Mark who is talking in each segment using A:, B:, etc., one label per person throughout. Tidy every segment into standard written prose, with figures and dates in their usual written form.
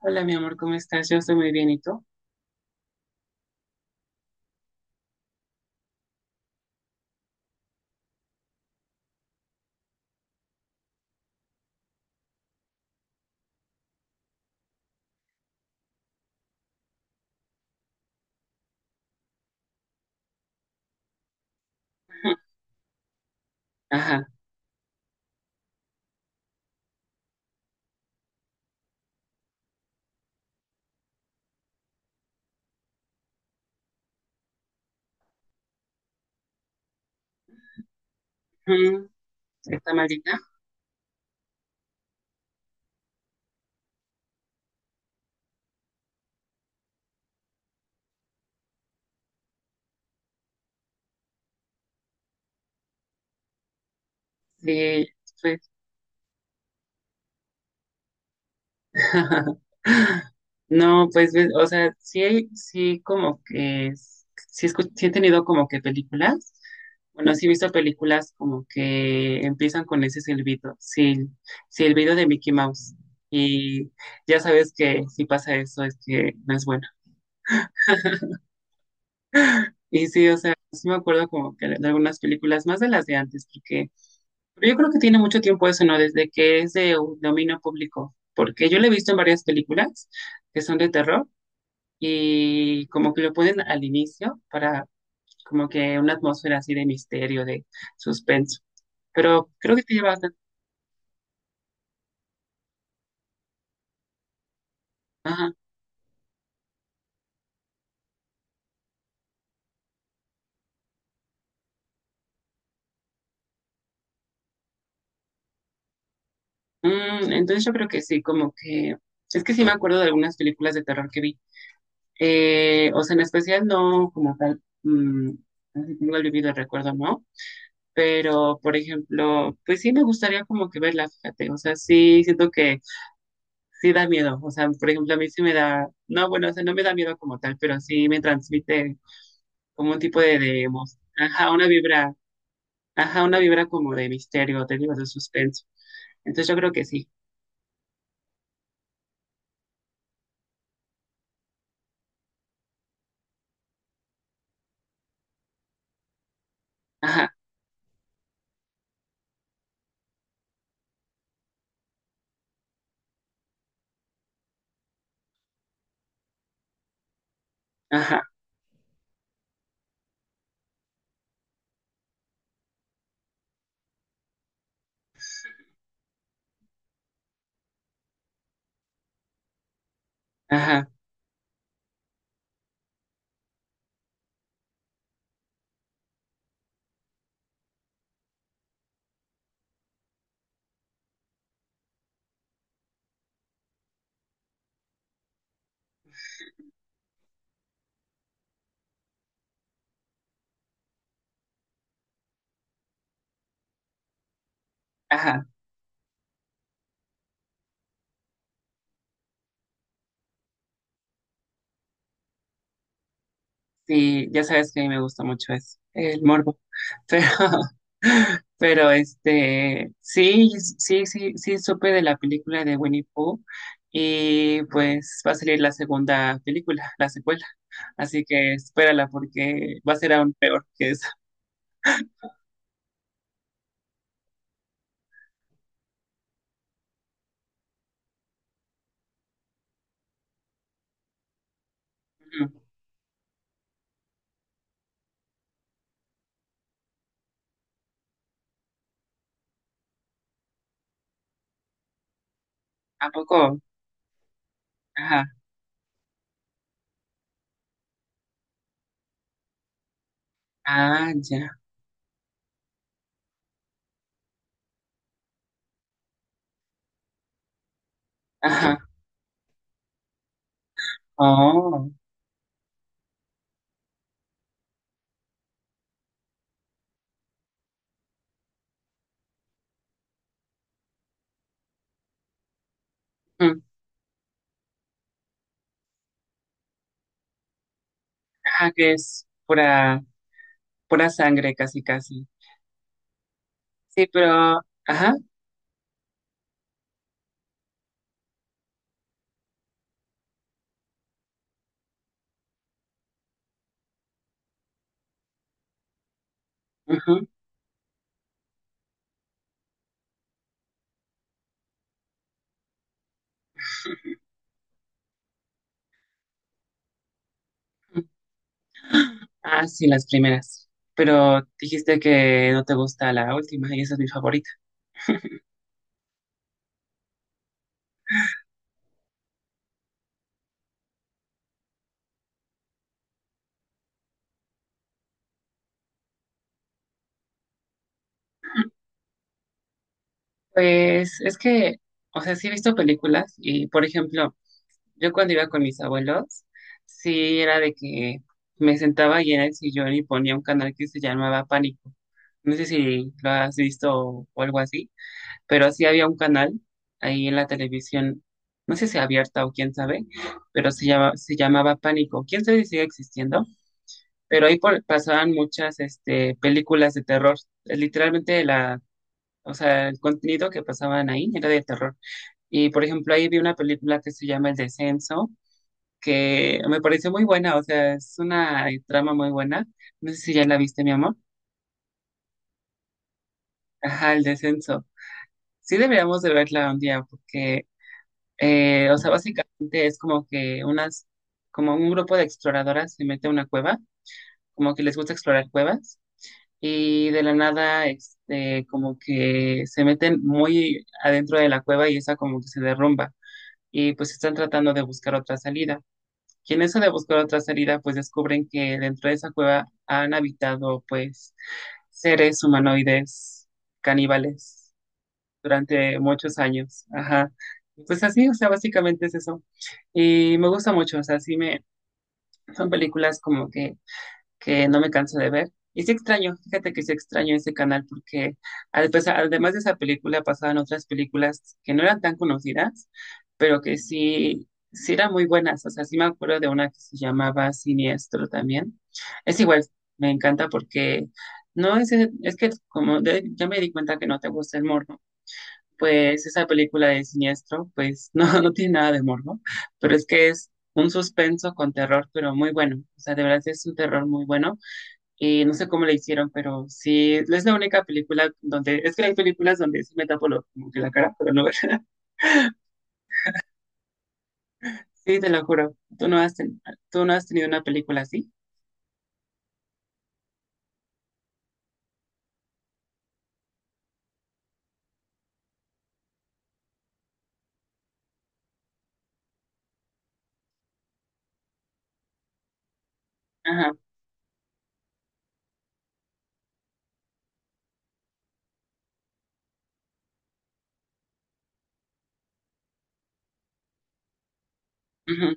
A: Hola, mi amor, ¿cómo estás? Yo estoy muy bien, ¿y tú? Ajá. Mm, ¿está maldita? Sí, pues. No, pues, ves, o sea, sí, sí he tenido como que películas, bueno, sí he visto películas como que empiezan con ese silbido, sí, sí, el video de Mickey Mouse, y ya sabes que si pasa eso es que no es bueno. Y sí, o sea, sí me acuerdo como que de algunas películas, más de las de antes, porque pero yo creo que tiene mucho tiempo eso, ¿no? Desde que es de dominio público, porque yo lo he visto en varias películas que son de terror y como que lo ponen al inicio para como que una atmósfera así de misterio, de suspenso. Pero creo que te lleva bastante. Ajá. Entonces yo creo que sí, como que es que sí me acuerdo de algunas películas de terror que vi. O sea, en especial no como tal, no si tengo el vivido recuerdo, ¿no? Pero, por ejemplo, pues sí me gustaría como que verla, fíjate, o sea, sí siento que sí da miedo, o sea, por ejemplo, a mí sí me da, no, bueno, o sea, no me da miedo como tal, pero sí me transmite como un tipo de, ajá, una vibra, ajá, una vibra como de misterio, te digo, de suspenso. Entonces yo creo que sí, ajá, ajá, ajá, ajá. Sí, ya sabes que a mí me gusta mucho eso, el morbo. Pero, pero este, sí, sí supe de la película de Winnie Pooh y pues va a salir la segunda película, la secuela. Así que espérala porque va a ser aún peor que esa. Ujú. ¿A poco? Ajá. Ah, ya. Ajá. Oh. Ujú. Ajá, que es pura, pura sangre casi casi. Sí, pero, ajá, ujú. Ah, sí, las primeras. Pero dijiste que no te gusta la última y esa es mi favorita. Pues es que, o sea, sí he visto películas y, por ejemplo, yo cuando iba con mis abuelos, sí era de que me sentaba ahí en el sillón y ponía un canal que se llamaba Pánico. No sé si lo has visto o algo así, pero sí había un canal ahí en la televisión, no sé si abierta o quién sabe, pero se llamaba Pánico. ¿Quién sabe si sigue existiendo? Pero ahí pasaban muchas este, películas de terror. Literalmente o sea, el contenido que pasaban ahí era de terror. Y por ejemplo, ahí vi una película que se llama El Descenso, que me pareció muy buena, o sea, es una trama muy buena. No sé si ya la viste, mi amor. Ajá, El Descenso. Sí deberíamos de verla un día, porque, o sea, básicamente es como que como un grupo de exploradoras se mete a una cueva, como que les gusta explorar cuevas y de la nada, este, como que se meten muy adentro de la cueva y esa como que se derrumba y pues están tratando de buscar otra salida. Y en eso de buscar otra salida, pues descubren que dentro de esa cueva han habitado pues seres humanoides caníbales durante muchos años. Ajá. Y pues así, o sea, básicamente es eso. Y me gusta mucho, o sea, son películas como que no me canso de ver. Y sí extraño, fíjate que sí extraño ese canal porque pues, además de esa película pasaban otras películas que no eran tan conocidas, pero que sí, sí eran muy buenas. O sea, sí me acuerdo de una que se llamaba Siniestro también. Es igual, me encanta porque no es, es que ya me di cuenta que no te gusta el morbo, pues esa película de Siniestro, pues no, no tiene nada de morbo, pero es que es un suspenso con terror, pero muy bueno. O sea, de verdad es un terror muy bueno y no sé cómo le hicieron, pero sí, es la única película donde, es que hay películas donde sí me tapo como que la cara, pero no, sí, te lo juro, tú no has tenido una película así. Ajá, ujú,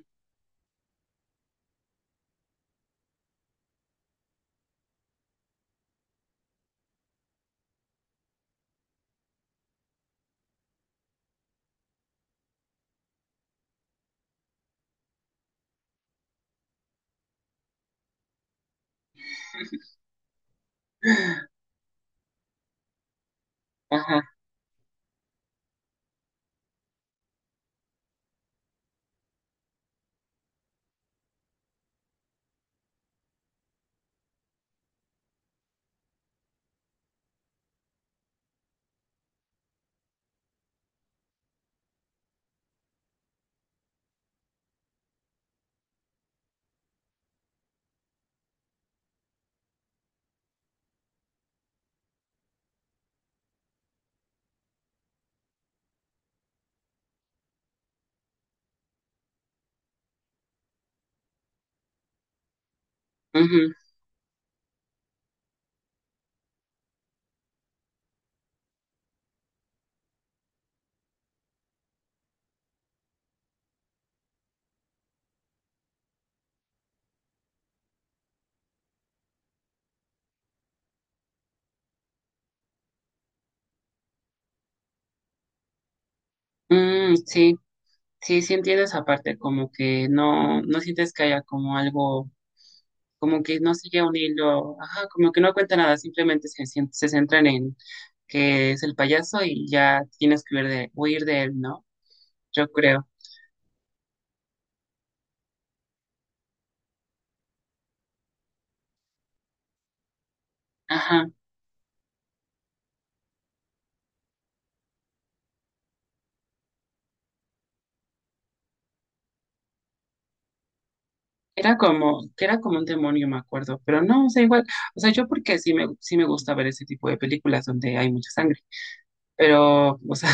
A: ajá, ujú. Sí, sí entiendo esa parte, como que no, no sientes que haya como algo, como que no sigue un hilo, ajá, como que no cuenta nada, simplemente se centran en que es el payaso y ya tienes que huir de él, ¿no? Yo creo. Ajá. Era como, que era como un demonio, me acuerdo, pero no, o sea, igual, o sea, yo porque sí me gusta ver ese tipo de películas donde hay mucha sangre, pero, o sea,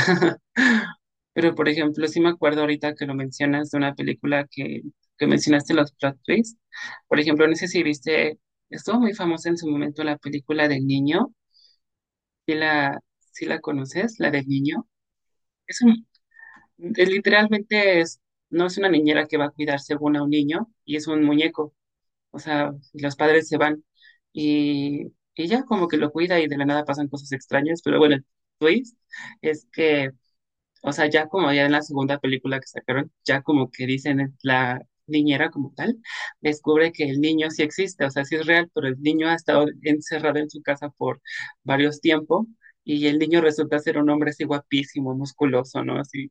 A: pero por ejemplo, sí me acuerdo ahorita que lo mencionas de una que mencionaste los plot twists, por ejemplo, no sé si viste, estuvo muy famosa en su momento la película del niño, si la, si la conoces, la del niño, es un, es literalmente no es una niñera que va a cuidar según a un niño, y es un muñeco o sea, y los padres se van y ella como que lo cuida y de la nada pasan cosas extrañas, pero bueno, el twist es que, o sea, ya como ya en la segunda película que sacaron, ya como que dicen la niñera como tal, descubre que el niño sí existe, o sea, sí es real, pero el niño ha estado encerrado en su casa por varios tiempos. Y el niño resulta ser un hombre así guapísimo, musculoso, ¿no? Así,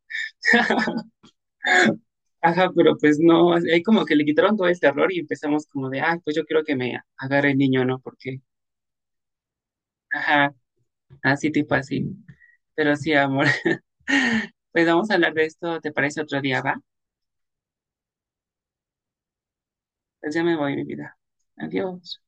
A: ajá, pero pues no, ahí como que le quitaron todo el terror y empezamos como de, ay, pues yo quiero que me agarre el niño, ¿no? Porque ajá, así tipo así. Pero sí, amor. Pues vamos a hablar de esto, ¿te parece otro día, va? Pues ya me voy, mi vida. Adiós.